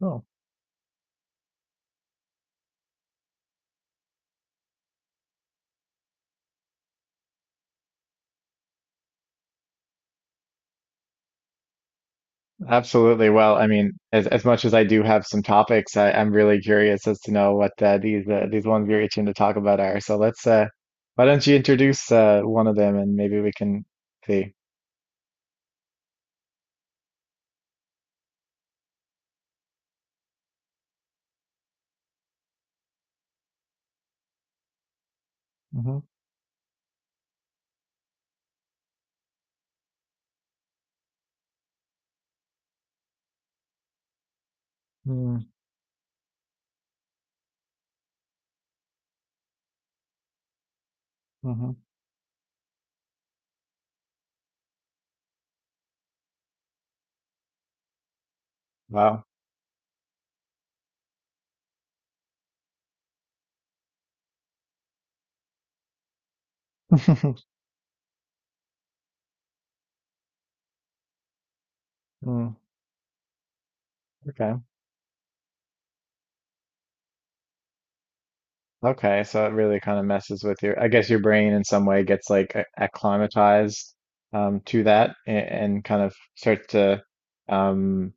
Oh, absolutely. Well, I mean, as much as I do have some topics, I'm really curious as to know what these ones you're itching to talk about are. So let's why don't you introduce one of them and maybe we can see. hmm Mm-hmm. Wow. Mm, okay. Okay. So it really kind of messes with your, I guess your brain in some way gets like acclimatized to that and kind of starts to um,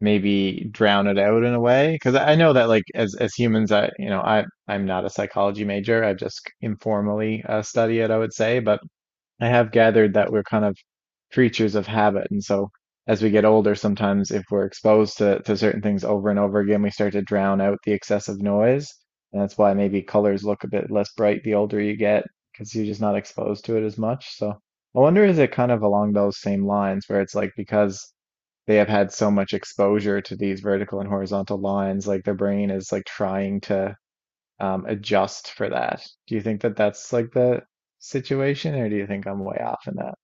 maybe drown it out in a way because I know that like as humans, I, you know, I'm not a psychology major, I just informally study it, I would say. But I have gathered that we're kind of creatures of habit, and so as we get older, sometimes if we're exposed to certain things over and over again, we start to drown out the excessive noise, and that's why maybe colors look a bit less bright the older you get, because you're just not exposed to it as much. So I wonder, is it kind of along those same lines where it's like, because they have had so much exposure to these vertical and horizontal lines, like their brain is like trying to adjust for that. Do you think that that's like the situation, or do you think I'm way off in that?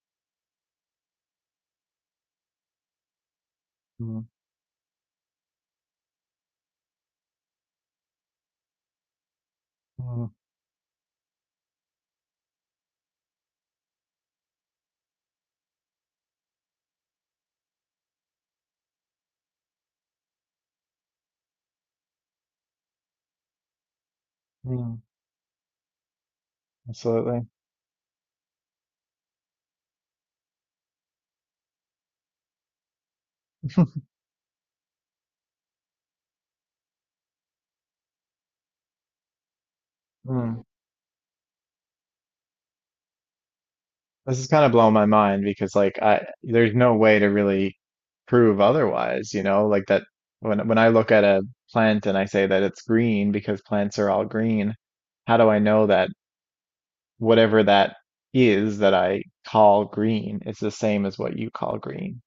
Mm, mm, mm, absolutely. Mm. This is kind of blowing my mind because like, I, there's no way to really prove otherwise, you know, like that when I look at a plant and I say that it's green because plants are all green, how do I know that whatever that is that I call green is the same as what you call green.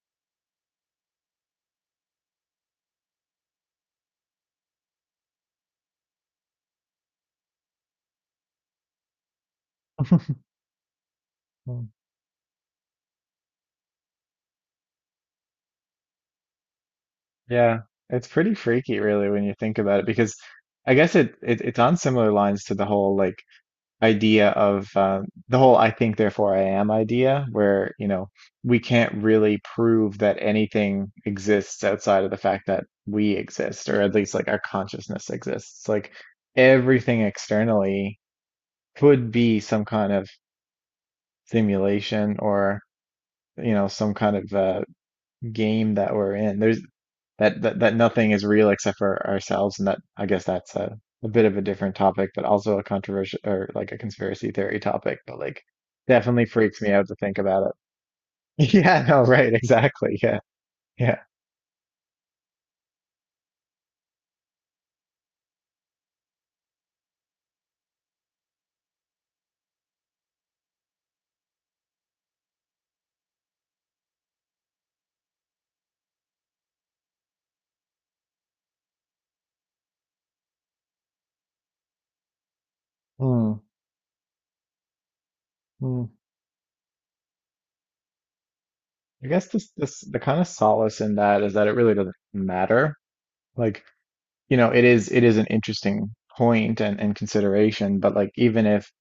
Mm. Yeah, it's pretty freaky really when you think about it, because I guess it it's on similar lines to the whole like idea of the whole "I think therefore I am" idea, where you know we can't really prove that anything exists outside of the fact that we exist, or at least like our consciousness exists. Like everything externally could be some kind of simulation, or you know, some kind of game that we're in. There's that nothing is real except for ourselves, and that, I guess that's a bit of a different topic, but also a controversial or like a conspiracy theory topic. But like, definitely freaks me out to think about it. Yeah, no, right, exactly. Yeah, yeah. Mm, mm. I guess this the kind of solace in that is that it really doesn't matter. Like, you know, it is an interesting point and consideration, but like, even if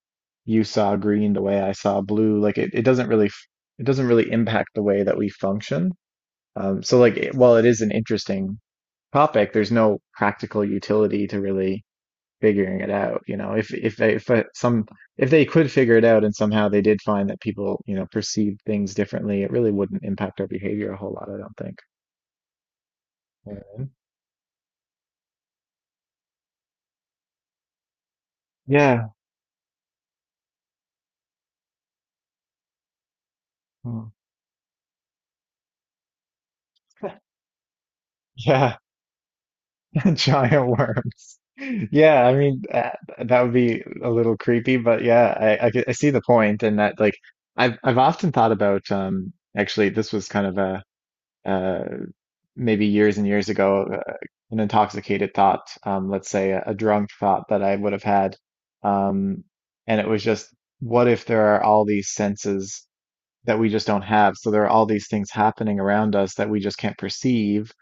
you saw green the way I saw blue. Like it doesn't really it doesn't really impact the way that we function. So like while it is an interesting topic, there's no practical utility to really figuring it out. You know, if they could figure it out and somehow they did find that people, you know, perceive things differently, it really wouldn't impact our behavior a whole lot. I don't think. Yeah. Yeah. Hmm. Yeah. Giant worms. Yeah, I mean that would be a little creepy. But yeah, I see the point, and that like I've often thought about actually this was kind of a uh maybe years and years ago, an intoxicated thought, let's say a drunk thought that I would have had, um and it was just, what if there are all these senses that we just don't have? So there are all these things happening around us that we just can't perceive.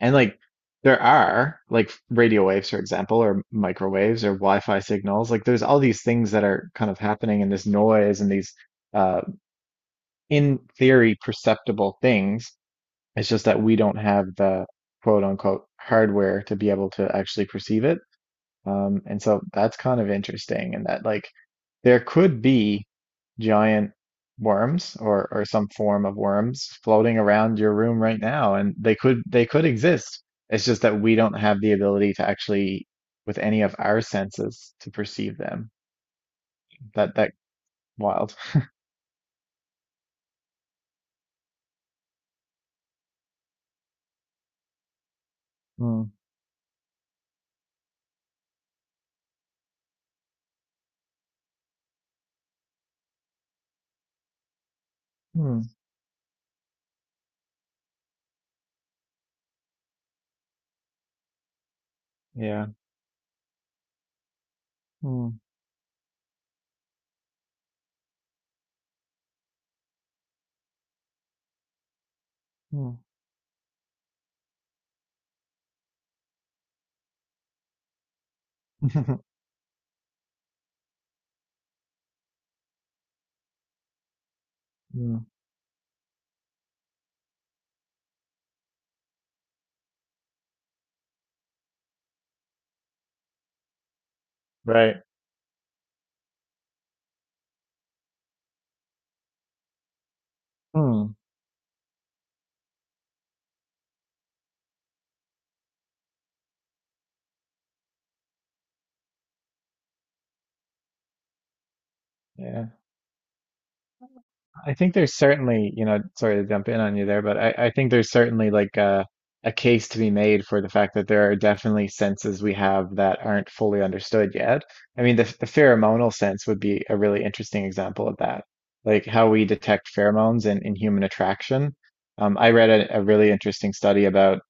And like there are like radio waves, for example, or microwaves or Wi-Fi signals. Like there's all these things that are kind of happening in this noise, and these uh, in theory perceptible things. It's just that we don't have the quote unquote hardware to be able to actually perceive it. And so that's kind of interesting, and that like there could be giant or some form of worms floating around your room right now, and they could exist. It's just that we don't have the ability to actually, with any of our senses, to perceive them. That wild. Mm, mm, yeah. Mm, mm, mm, right. Mm, yeah. I think there's certainly, you know, sorry to jump in on you there, but I think there's certainly like a case to be made for the fact that there are definitely senses we have that aren't fully understood yet. I mean, the pheromonal sense would be a really interesting example of that, like how we detect pheromones in human attraction. I read a really interesting study about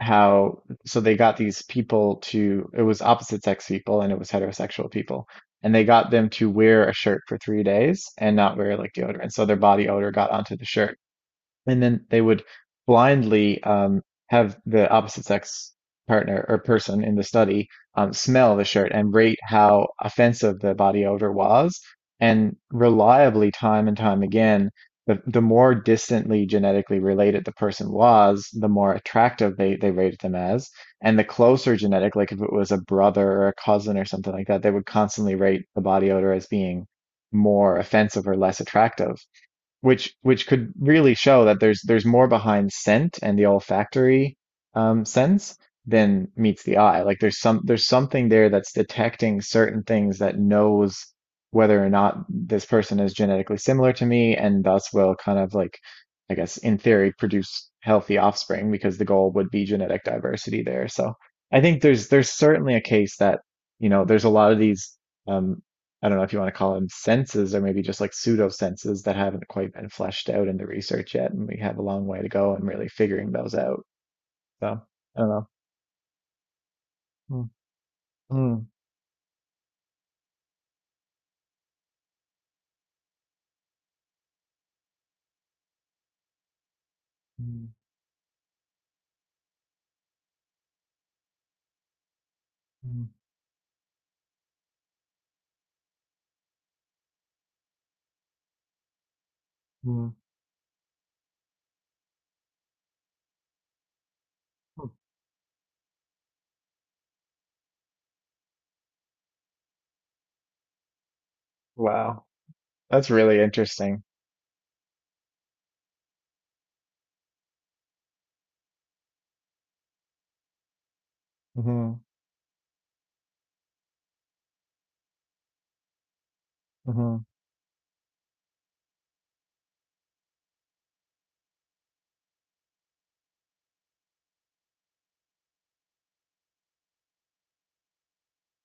how so they got these people to, it was opposite sex people and it was heterosexual people, and they got them to wear a shirt for 3 days and not wear like deodorant, so their body odor got onto the shirt. And then they would blindly have the opposite sex partner or person in the study smell the shirt and rate how offensive the body odor was. And reliably, time and time again, the more distantly genetically related the person was, the more attractive they rated them as. And the closer genetic, like if it was a brother or a cousin or something like that, they would constantly rate the body odor as being more offensive or less attractive, which could really show that there's more behind scent and the olfactory sense than meets the eye. Like there's something there that's detecting certain things, that knows whether or not this person is genetically similar to me, and thus will kind of like, I guess in theory, produce healthy offspring, because the goal would be genetic diversity there. So I think there's certainly a case that, you know, there's a lot of these. Um, I don't know if you want to call them senses, or maybe just like pseudo senses that haven't quite been fleshed out in the research yet, and we have a long way to go in really figuring those out. So I don't know. Mm, mm, mm, mm, mm. Wow, that's really interesting. hmm hmm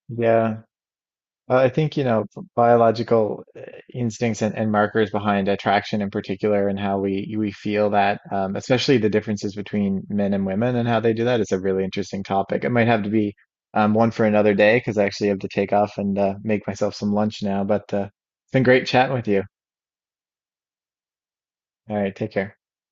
Yeah. I think, you know, biological instincts and markers behind attraction in particular, and how we feel that, especially the differences between men and women and how they do that, is a really interesting topic. It might have to be one for another day, because I actually have to take off and make myself some lunch now. But it's been great chatting with you. All right, take care.